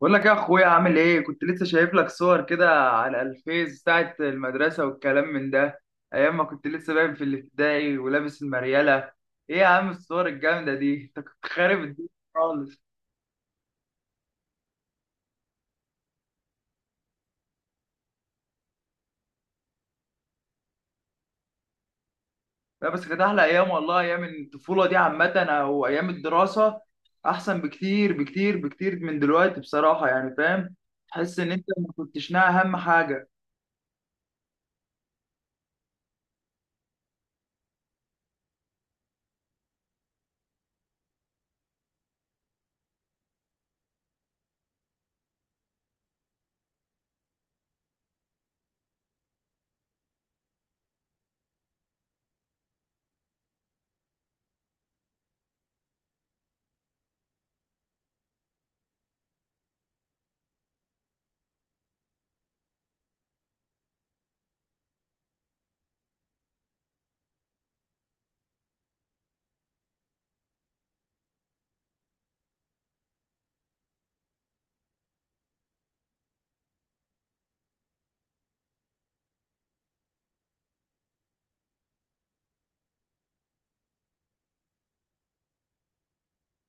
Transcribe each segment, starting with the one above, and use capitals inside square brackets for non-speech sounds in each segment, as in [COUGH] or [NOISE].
بقول لك يا اخويا عامل ايه؟ كنت لسه شايف لك صور كده على الفيس بتاعه المدرسه والكلام من ده، ايام ما كنت لسه باين في الابتدائي ولابس المريله. ايه يا عم الصور الجامده دي، انت كنت خارب الدنيا خالص. لا بس كانت احلى ايام والله، ايام الطفوله دي عامه او ايام الدراسه احسن بكتير بكتير بكتير من دلوقتي بصراحه، يعني فاهم؟ تحس ان انت ما كنتش ناقي اهم حاجه.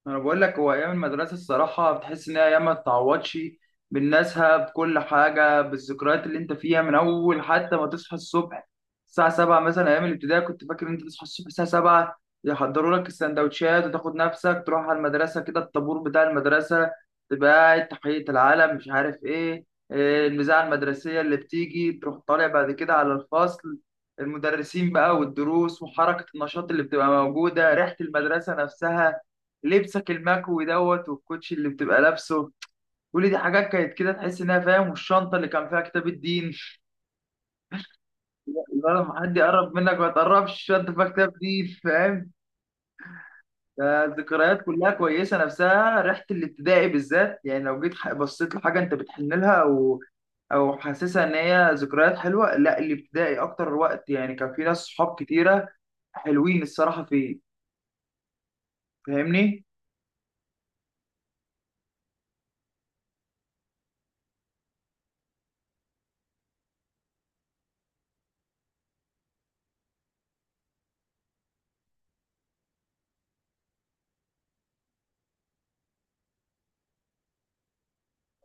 انا بقول لك، هو ايام المدرسه الصراحه بتحس ان هي ايام ما تتعوضش، بالناسها، بكل حاجه، بالذكريات اللي انت فيها. من اول حتى ما تصحى الصبح الساعه 7 مثلا، ايام الابتدائي كنت فاكر ان انت تصحى الصبح الساعه 7، يحضروا لك السندوتشات وتاخد نفسك تروح على المدرسه كده. الطابور بتاع المدرسه، تبقى قاعد تحيه العلم، مش عارف ايه، إيه المذاعه المدرسيه اللي بتيجي، تروح طالع بعد كده على الفصل. المدرسين بقى والدروس وحركه النشاط اللي بتبقى موجوده، ريحه المدرسه نفسها، لبسك المكوي دوت والكوتشي اللي بتبقى لابسه، كل دي حاجات كانت كده تحس انها فاهم. والشنطه اللي كان فيها كتاب الدين، لما حد يقرب منك ما تقربش، الشنطه فيها كتاب دين فاهم. فالذكريات كلها كويسه، نفسها ريحه الابتدائي بالذات. يعني لو جيت بصيت لحاجه انت بتحن لها او حاسسها ان هي ذكريات حلوه، لا الابتدائي اكتر وقت، يعني كان في ناس صحاب كتيره حلوين الصراحه فيه، فاهمني؟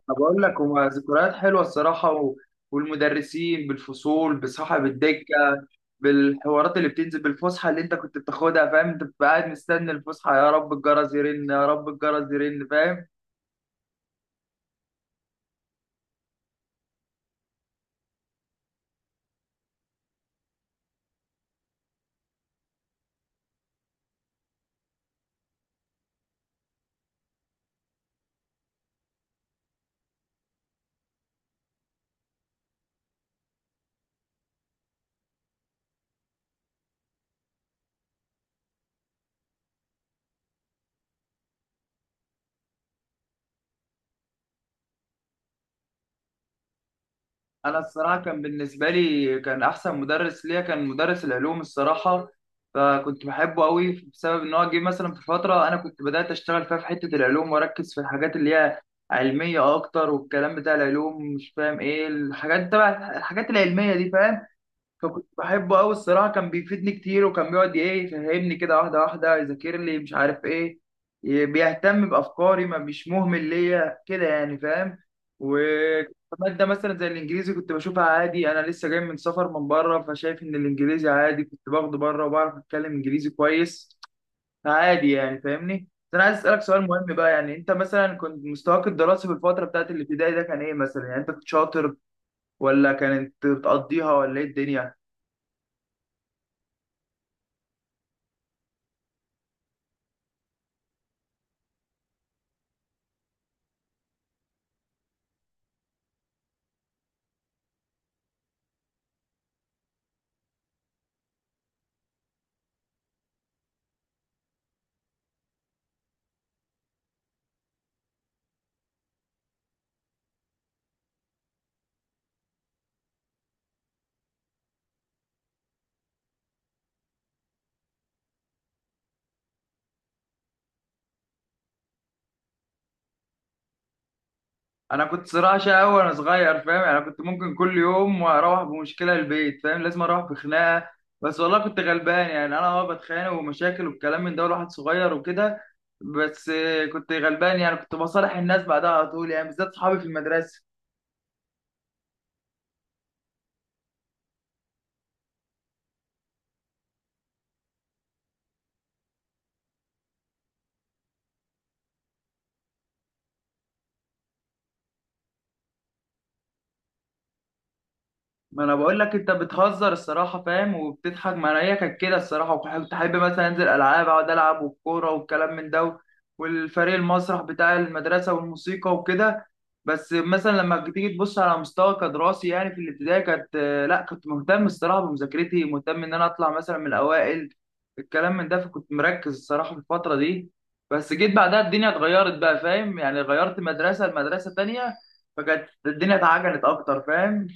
طب أقول لك، هما ذكريات حلوة الصراحة والمدرسين بالفصول، بصاحب الدكة، بالحوارات اللي بتنزل، بالفسحة اللي أنت كنت بتاخدها فاهم، أنت بتبقى قاعد مستني الفسحة، يا رب الجرس يرن يا رب الجرس يرن، فاهم؟ أنا الصراحة كان بالنسبة لي، كان أحسن مدرس ليا كان مدرس العلوم الصراحة. فكنت بحبه قوي بسبب إن هو جه مثلا في فترة أنا كنت بدأت أشتغل فيها في حتة العلوم وأركز في الحاجات اللي هي علمية أكتر، والكلام بتاع العلوم مش فاهم إيه، الحاجات تبع الحاجات العلمية دي فاهم. فكنت بحبه قوي الصراحه، كان بيفيدني كتير، وكان بيقعد ايه، يفهمني كده واحده واحده، يذاكر لي، مش عارف ايه، بيهتم بافكاري، ما مش مهمل ليا كده يعني، فاهم؟ وماده مثلا زي الانجليزي كنت بشوفها عادي، انا لسه جاي من سفر من بره، فشايف ان الانجليزي عادي، كنت باخده بره وبعرف اتكلم انجليزي كويس عادي يعني فاهمني. بس انا عايز اسالك سؤال مهم بقى، يعني انت مثلا كنت مستواك الدراسي في الفتره بتاعت الابتدائي ده كان ايه مثلا؟ يعني انت كنت شاطر ولا كانت بتقضيها ولا ايه الدنيا؟ انا كنت صراحه شقاوي وانا صغير فاهم، يعني انا كنت ممكن كل يوم اروح بمشكله البيت فاهم، لازم اروح بخناقه. بس والله كنت غلبان، يعني انا بتخانق ومشاكل والكلام من ده، الواحد صغير وكده. بس كنت غلبان، يعني كنت بصالح الناس بعدها على طول، يعني بالذات صحابي في المدرسه. ما انا بقول لك، انت بتهزر الصراحه فاهم وبتضحك، ما انا هي كانت كده الصراحه، وكنت احب مثلا انزل العاب، اقعد العب والكوره والكلام من ده، والفريق المسرح بتاع المدرسه والموسيقى وكده. بس مثلا لما بتيجي تبص على مستوى كدراسي يعني في الابتدائي كانت، لا كنت مهتم الصراحه بمذاكرتي، مهتم ان انا اطلع مثلا من الاوائل الكلام من ده، فكنت مركز الصراحه في الفتره دي. بس جيت بعدها الدنيا اتغيرت بقى فاهم، يعني غيرت مدرسه لمدرسه تانية، فكانت الدنيا اتعجلت اكتر فاهم.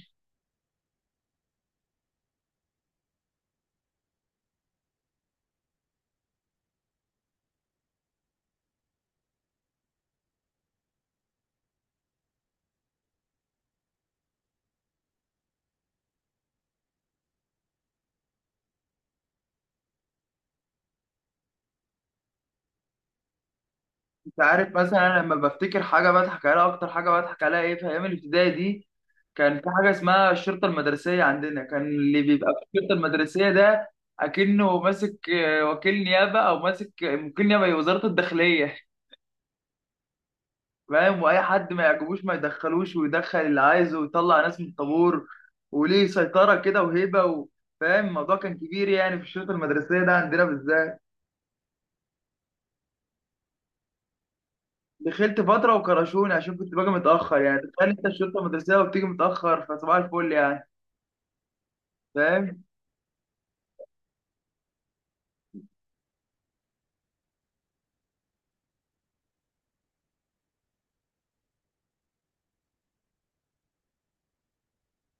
انت عارف مثلا انا لما بفتكر حاجه بضحك عليها، اكتر حاجه بضحك عليها ايه في ايام الابتدائي دي؟ كان في حاجه اسمها الشرطه المدرسيه عندنا. كان اللي بيبقى في الشرطه المدرسيه ده اكنه ماسك وكيل نيابه، او ماسك وكيل نيابه ايه، وزاره الداخليه فاهم. واي حد ما يعجبوش ما يدخلوش، ويدخل اللي عايزه، ويطلع ناس من الطابور، وليه سيطره كده وهيبه فاهم؟ الموضوع كان كبير يعني في الشرطه المدرسيه ده عندنا بالذات. دخلت فترة وكرشوني عشان كنت باجي متأخر، يعني تخيل انت الشرطة المدرسية وبتيجي متأخر، فصباح الفل يعني فاهم.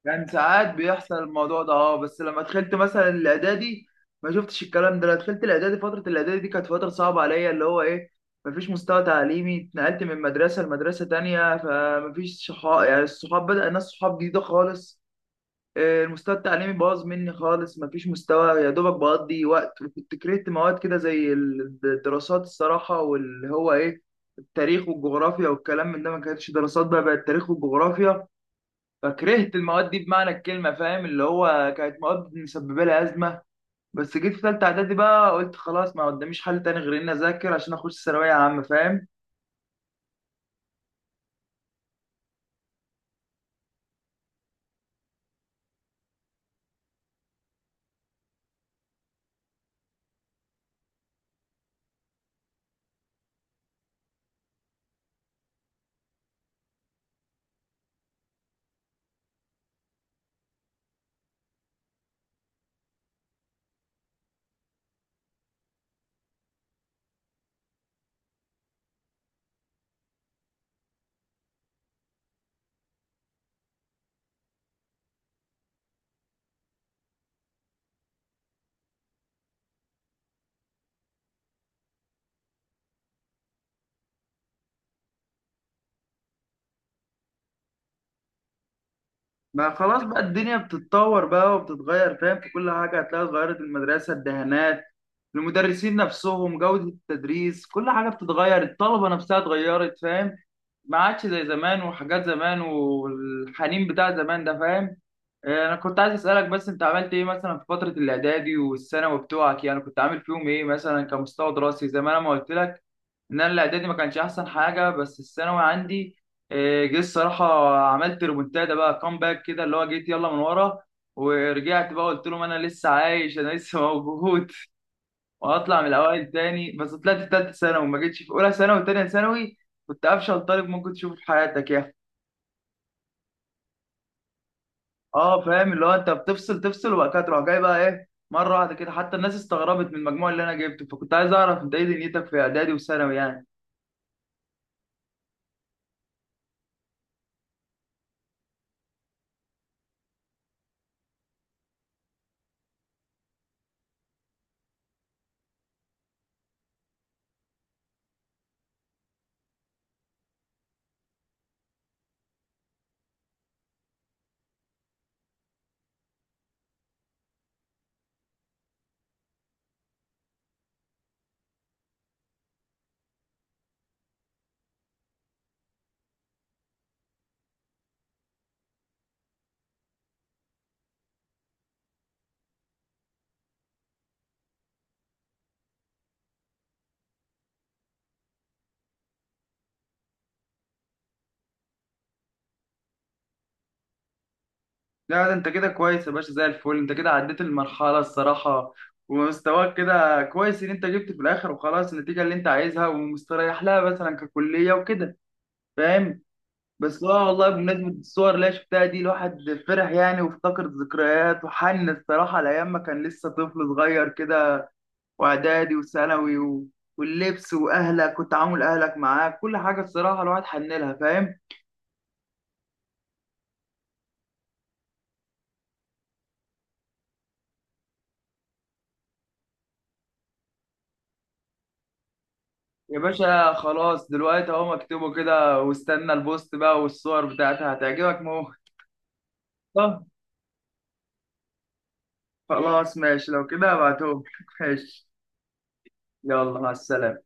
كان ساعات بيحصل الموضوع ده، بس لما دخلت مثلا الإعدادي ما شفتش الكلام ده. لما دخلت الإعدادي، فترة الإعدادي دي كانت فترة صعبة عليا، اللي هو إيه، مفيش مستوى تعليمي، اتنقلت من مدرسة لمدرسة تانية، فمفيش صحاب يعني، الصحاب بدأ، الناس صحاب جديدة خالص. المستوى التعليمي باظ مني خالص، مفيش مستوى، يا دوبك بقضي وقت. وكنت كرهت مواد كده زي الدراسات الصراحة، واللي هو إيه، التاريخ والجغرافيا والكلام من ده، ما كانتش دراسات بقى، بقت تاريخ وجغرافيا، فكرهت المواد دي بمعنى الكلمة فاهم، اللي هو كانت مواد مسببة لي أزمة. بس جيت في تالتة إعدادي بقى، قلت خلاص ما قداميش حل تاني غير إني أذاكر عشان أخش ثانوية عامة فاهم. ما خلاص بقى الدنيا بتتطور بقى وبتتغير فاهم، في كل حاجة هتلاقي اتغيرت، المدرسة، الدهانات، المدرسين نفسهم، جودة التدريس، كل حاجة بتتغير، الطلبة نفسها اتغيرت فاهم، ما عادش زي زمان، وحاجات زمان والحنين بتاع زمان ده فاهم. انا كنت عايز اسألك بس، انت عملت ايه مثلا في فترة الاعدادي والثانوي بتوعك؟ يعني كنت عامل فيهم ايه مثلا كمستوى دراسي؟ زي ما انا ما قلت لك ان انا الاعدادي ما كانش احسن حاجه، بس الثانوي عندي جه الصراحه، عملت ريمونتادا بقى، كومباك كده، اللي هو جيت يلا من ورا، ورجعت بقى قلت لهم انا لسه عايش، انا لسه موجود [LAUGHS] وهطلع من الاوائل تاني. بس طلعت في ثالثه ثانوي، ما جيتش في اولى ثانوي وثانيه ثانوي، كنت افشل طالب ممكن تشوفه في حياتك يا. اه فاهم، اللي هو انت بتفصل تفصل وبعد كده تروح جاي بقى ايه مره واحده كده، حتى الناس استغربت من المجموع اللي انا جبته، فكنت عايز اعرف انت ايه دنيتك في اعدادي وثانوي يعني. لا ده انت كده كويس يا باشا زي الفل، انت كده عديت المرحلة الصراحة، ومستواك كده كويس، ان انت جبت في الاخر وخلاص النتيجة اللي انت عايزها ومستريح لها مثلا ككلية وكده فاهم. بس هو والله بمناسبة الصور اللي أنا شفتها دي، الواحد فرح يعني وافتكر ذكريات، وحن الصراحة لأيام ما كان لسه طفل صغير كده، وإعدادي وثانوي واللبس وأهلك وتعامل أهلك معاك، كل حاجة الصراحة الواحد حن لها فاهم. يا باشا خلاص، دلوقتي اهو مكتوبه كده، واستنى البوست بقى والصور بتاعتها هتعجبك موت. طب خلاص ماشي، لو كده هبعتهم [LAUGHS] ماشي. يلا مع السلامة.